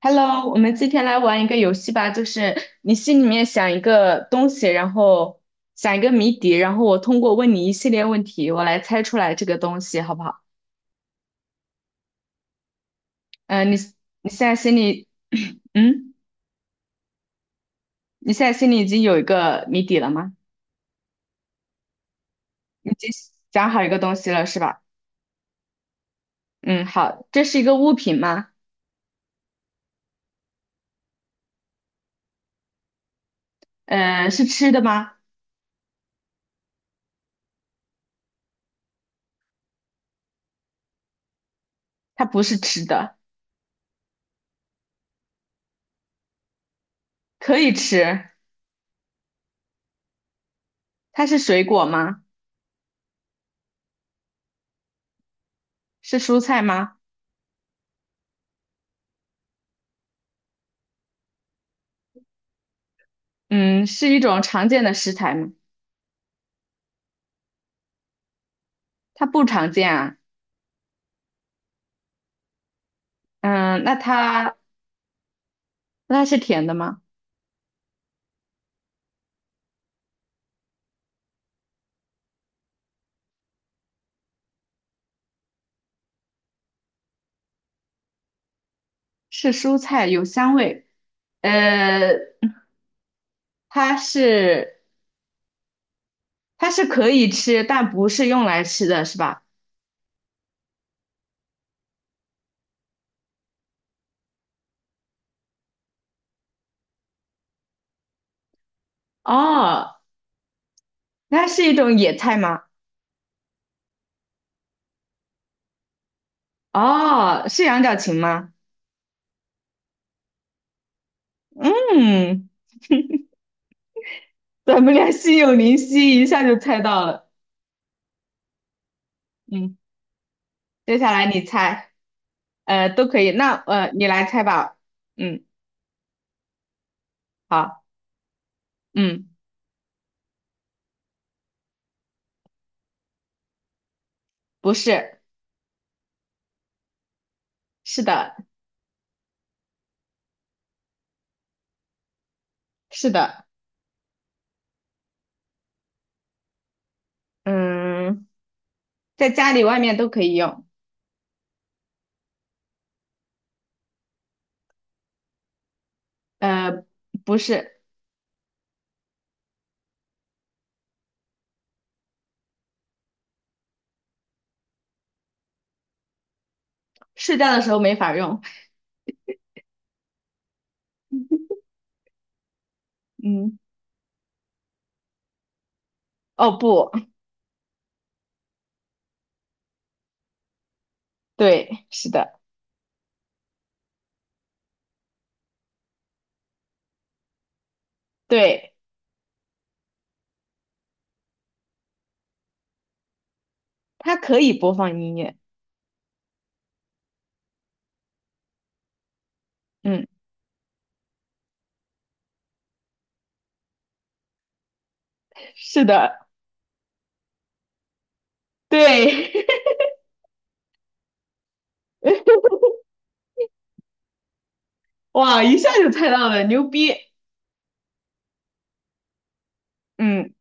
Hello，我们今天来玩一个游戏吧，就是你心里面想一个东西，然后想一个谜底，然后我通过问你一系列问题，我来猜出来这个东西，好不好？嗯，你现在心里，嗯，你现在心里已经有一个谜底了吗？你已经想好一个东西了，是吧？嗯，好，这是一个物品吗？嗯，是吃的吗？它不是吃的，可以吃。它是水果吗？是蔬菜吗？嗯，是一种常见的食材吗？它不常见啊。嗯，那它那它是甜的吗？是蔬菜，有香味。呃，它是可以吃，但不是用来吃的，是吧？哦，那是一种野菜吗？哦，是羊角芹吗？嗯，咱们俩心有灵犀，一下就猜到了。嗯，接下来你猜，呃，都可以。那你来猜吧。嗯，好，嗯，不是，是的，是的，嗯。在家里外面都可以用。呃，不是，睡觉的时候没法用。嗯，哦不，对，是的，对，它可以播放音乐。嗯，是的，对，哇，一下就猜到了，牛逼。嗯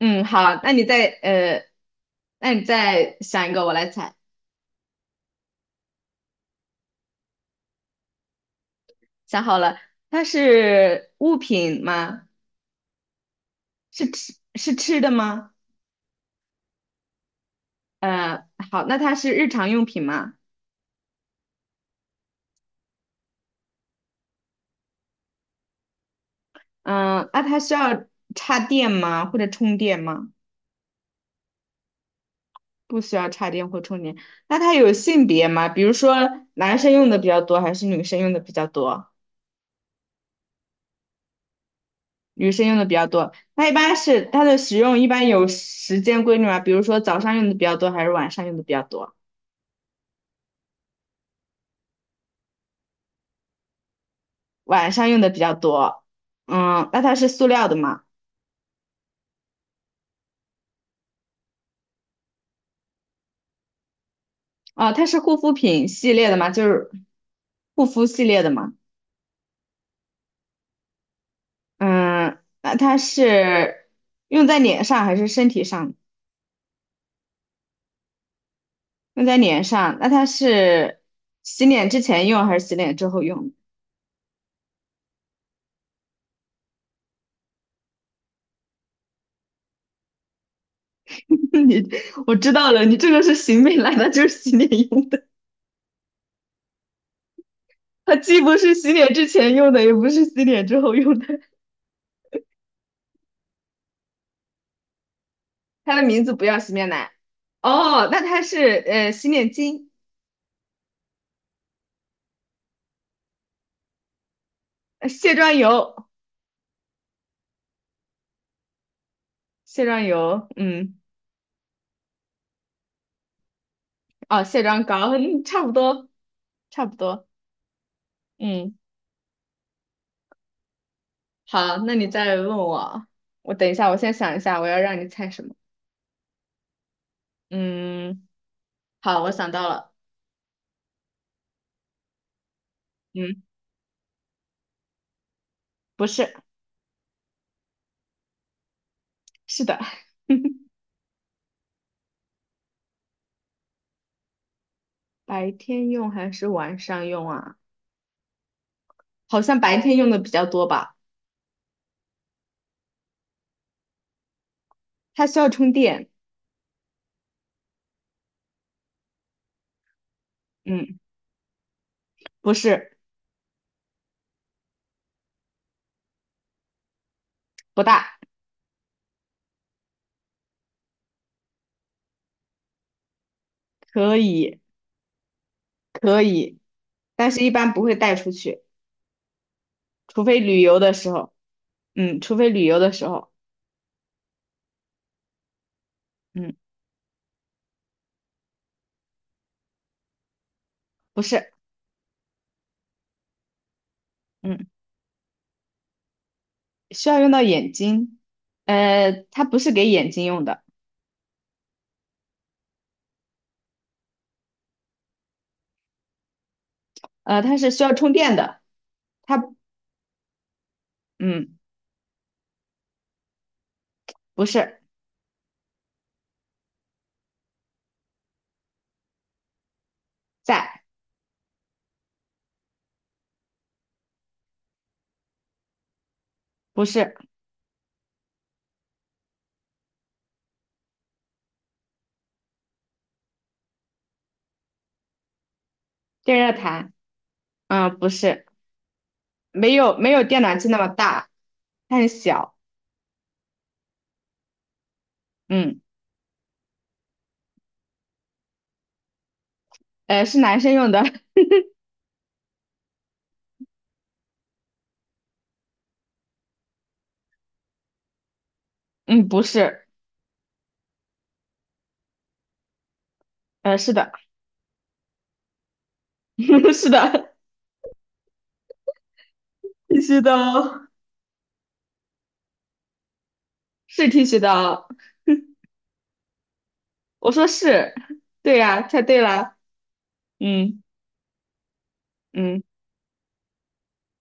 嗯，好，那你再那你再想一个，我来猜。想好了，它是物品吗？是吃的吗？好，那它是日常用品吗？嗯，那它需要插电吗？或者充电吗？不需要插电或充电。那它有性别吗？比如说男生用的比较多，还是女生用的比较多？女生用的比较多。那一般是它的使用一般有时间规律吗？比如说早上用的比较多，还是晚上用的比较多？晚上用的比较多。嗯，那它是塑料的吗？啊，它是护肤品系列的吗？就是护肤系列的吗？嗯，那它是用在脸上还是身体上？用在脸上，那它是洗脸之前用还是洗脸之后用？你，我知道了，你这个是洗面奶，它就是洗脸用的，它既不是洗脸之前用的，也不是洗脸之后用的，它的名字不要洗面奶。哦，那它是洗脸巾、卸妆油、卸妆油，嗯，哦，卸妆膏，嗯，差不多，差不多，嗯，好，那你再问我，我等一下，我先想一下，我要让你猜什么？嗯，好，我想到了，嗯，不是。是的，白天用还是晚上用啊？好像白天用的比较多吧。它需要充电，嗯，不是，不大，可以，可以，但是一般不会带出去，除非旅游的时候，嗯，除非旅游的时候，嗯，不是，嗯，需要用到眼睛，它不是给眼睛用的，它是需要充电的，它，嗯，不是，在，不是电热毯，嗯，不是。没有电暖气那么大，它很小。嗯，是男生用的。嗯，不是，是的，是的，剃须刀是剃须刀。我说是，对呀、猜对了。嗯嗯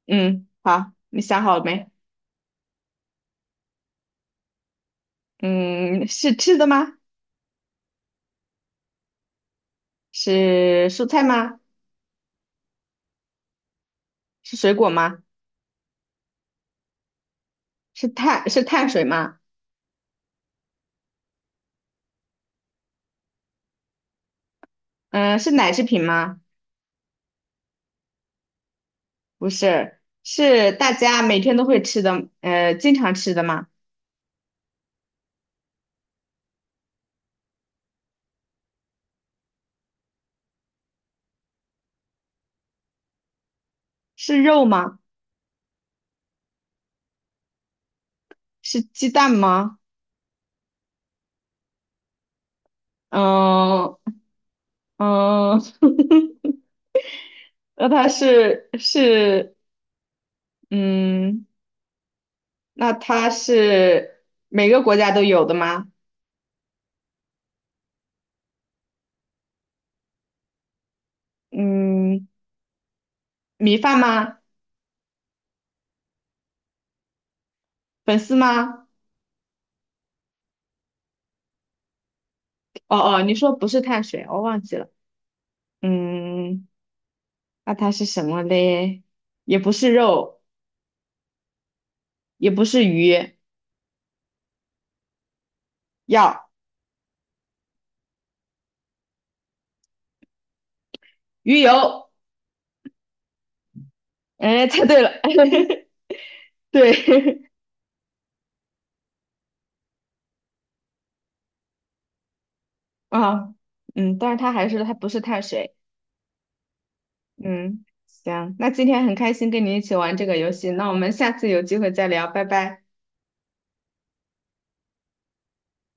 嗯，好，你想好了没？嗯，是吃的吗？是蔬菜吗？是水果吗？是碳水吗？嗯，是奶制品吗？不是，是大家每天都会吃的，经常吃的吗？是肉吗？是鸡蛋吗？嗯嗯，那它是嗯，那它是每个国家都有的吗？嗯，米饭吗？粉丝吗？哦哦，你说不是碳水，我忘记了。嗯，那它是什么嘞？也不是肉，也不是鱼，要鱼油。哎，猜对了，对 啊，嗯，但是它还是它不是碳水。嗯，行，那今天很开心跟你一起玩这个游戏，那我们下次有机会再聊，拜拜。